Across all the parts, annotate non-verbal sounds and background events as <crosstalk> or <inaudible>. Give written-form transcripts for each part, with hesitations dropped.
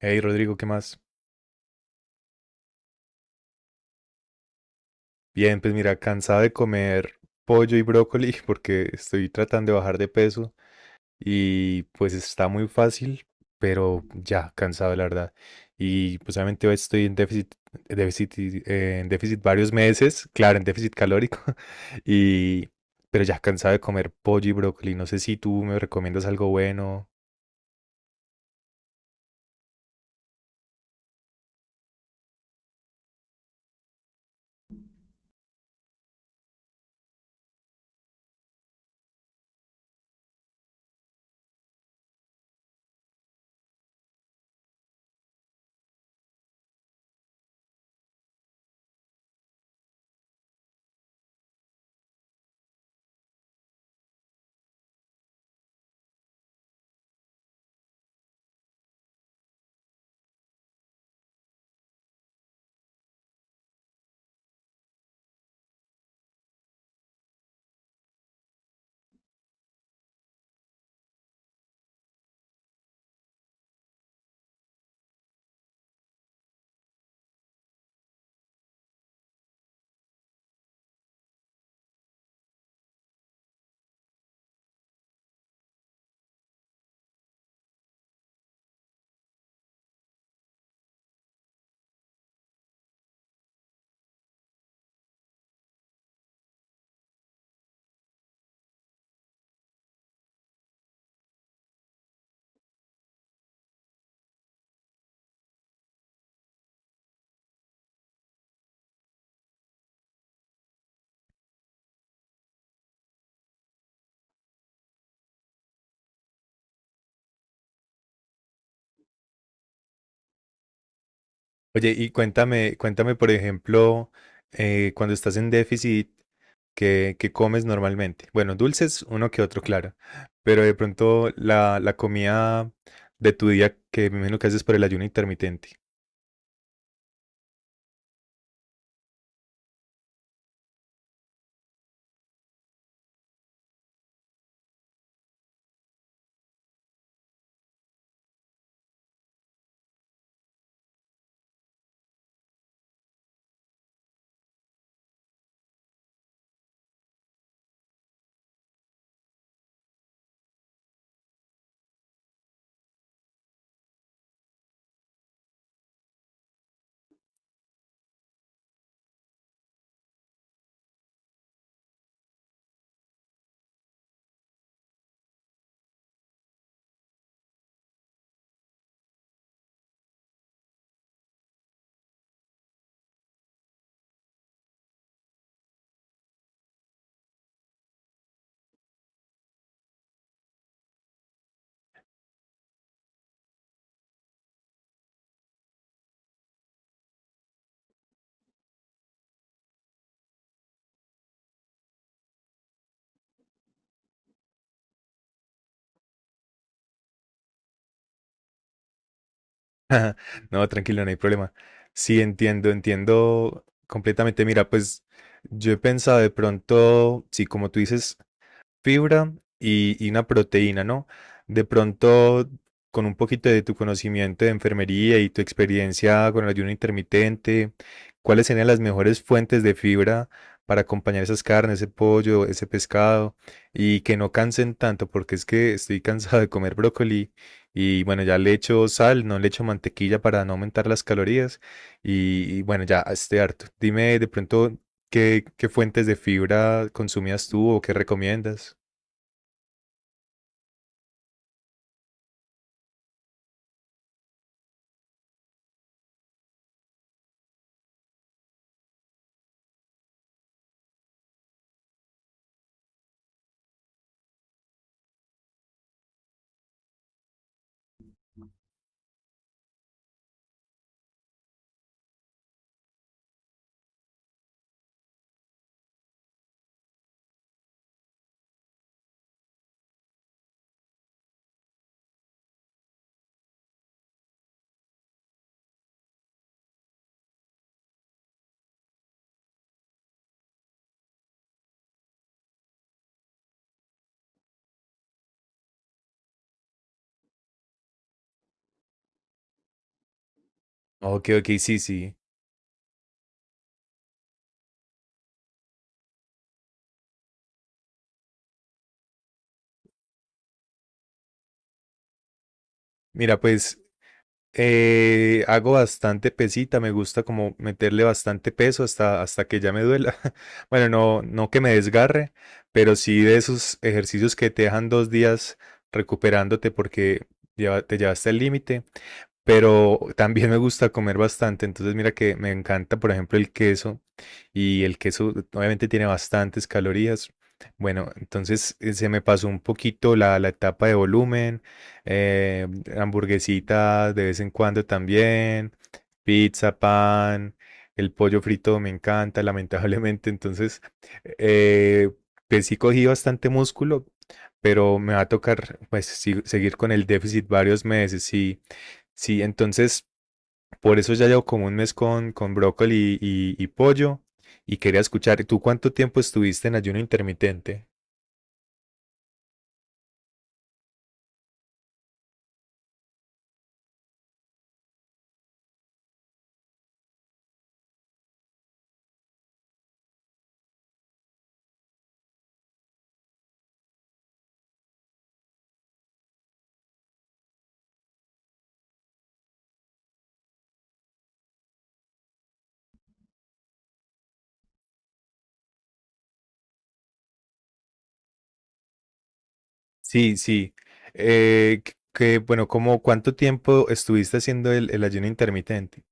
Hey Rodrigo, ¿qué más? Bien, pues mira, cansado de comer pollo y brócoli <laughs> porque estoy tratando de bajar de peso y pues está muy fácil, pero ya, cansado la verdad. Y pues obviamente hoy estoy en déficit, en déficit varios meses, claro, en déficit calórico, <laughs> y pero ya cansado de comer pollo y brócoli. No sé si tú me recomiendas algo bueno. Oye, y cuéntame, cuéntame, por ejemplo, cuando estás en déficit. qué, comes normalmente? Bueno, dulces, uno que otro, claro. Pero de pronto la comida de tu día que me imagino que haces por el ayuno intermitente. <laughs> No, tranquilo, no hay problema. Sí, entiendo, entiendo completamente. Mira, pues yo he pensado de pronto, sí, como tú dices, fibra y una proteína, ¿no? De pronto, con un poquito de tu conocimiento de enfermería y tu experiencia con el ayuno intermitente, ¿cuáles serían las mejores fuentes de fibra para acompañar esas carnes, ese pollo, ese pescado y que no cansen tanto? Porque es que estoy <laughs> cansado de comer brócoli y bueno, ya le echo sal, no le echo mantequilla para no aumentar las calorías y, bueno, ya estoy harto. Dime de pronto qué fuentes de fibra consumías tú o qué recomiendas. Ok, ok, sí, sí. Mira, pues hago bastante pesita, me gusta como meterle bastante peso hasta que ya me duela. <laughs> Bueno, no, no que me desgarre, pero sí de esos ejercicios que te dejan 2 días recuperándote porque te llevaste al límite. Pero también me gusta comer bastante. Entonces, mira que me encanta, por ejemplo, el queso. Y el queso obviamente tiene bastantes calorías. Bueno, entonces se me pasó un poquito la etapa de volumen, eh, hamburguesitas de vez en cuando también, pizza, pan, el pollo frito me encanta, <laughs> lamentablemente. Entonces, eh, pues sí cogí bastante músculo, pero me va a tocar pues sí, seguir con el déficit varios meses. Sí, sí, entonces por eso ya llevo como un mes con brócoli y pollo y quería escuchar, ¿tú cuánto tiempo estuviste en ayuno intermitente? Sí, sí. Bueno, ¿cómo cuánto tiempo estuviste haciendo el ayuno intermitente?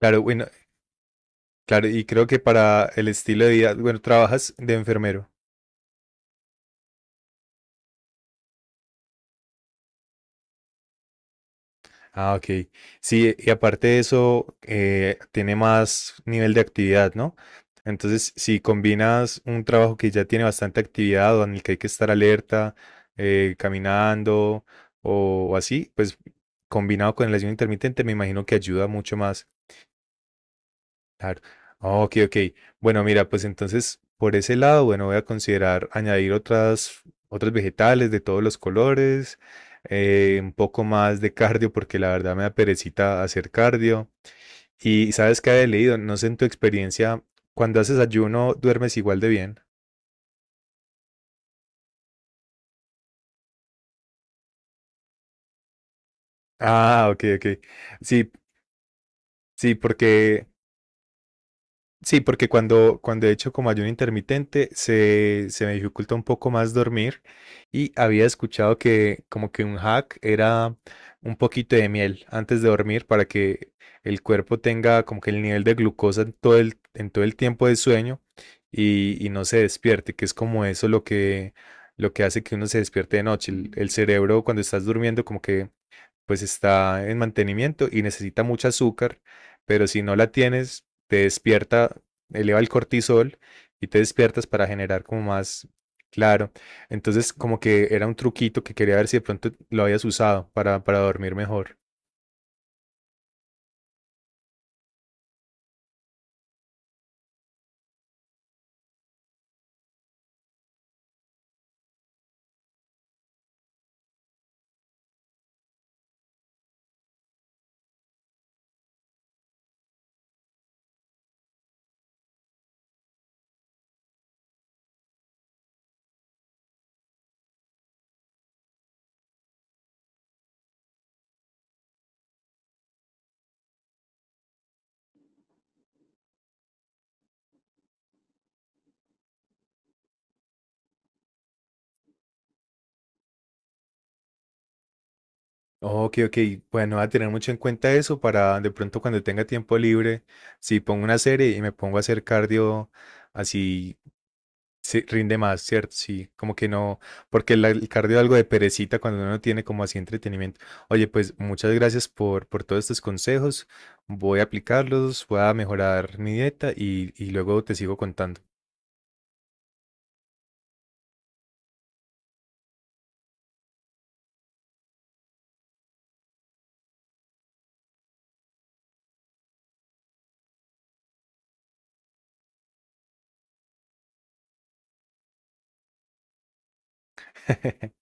Claro, bueno, claro, y creo que para el estilo de vida, bueno, trabajas de enfermero. Ah, ok. Sí, y aparte de eso, tiene más nivel de actividad, ¿no? Entonces, si combinas un trabajo que ya tiene bastante actividad o en el que hay que estar alerta, caminando o así, pues combinado con el ayuno intermitente, me imagino que ayuda mucho más. Claro. Ah, ok, ok. Bueno, mira, pues entonces por ese lado, bueno, voy a considerar añadir otras, otros vegetales de todos los colores, un poco más de cardio, porque la verdad me da perecita hacer cardio. Y sabes que he leído, no sé en tu experiencia, cuando haces ayuno, ¿duermes igual de bien? Ah, ok, ok. Sí, sí, porque. Sí, porque cuando he hecho como ayuno intermitente se me dificulta un poco más dormir y había escuchado que como que un hack era un poquito de miel antes de dormir para que el cuerpo tenga como que el nivel de glucosa en todo el tiempo de sueño y no se despierte, que es como eso lo que hace que uno se despierte de noche. El cerebro cuando estás durmiendo como que pues está en mantenimiento y necesita mucho azúcar, pero si no la tienes, te despierta, eleva el cortisol y te despiertas para generar como más. Claro. Entonces, como que era un truquito que quería ver si de pronto lo habías usado para, dormir mejor. Ok, ok. Bueno, voy a tener mucho en cuenta eso para de pronto cuando tenga tiempo libre, si pongo una serie y me pongo a hacer cardio así. Sí, rinde más, ¿cierto? Sí, como que no, porque el cardio es algo de perecita cuando uno tiene como así entretenimiento. Oye, pues muchas gracias por, todos estos consejos. Voy a aplicarlos, voy a mejorar mi dieta y luego te sigo contando. <laughs>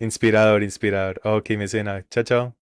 Inspirador, inspirador. Ok, mecena. Chao, chao.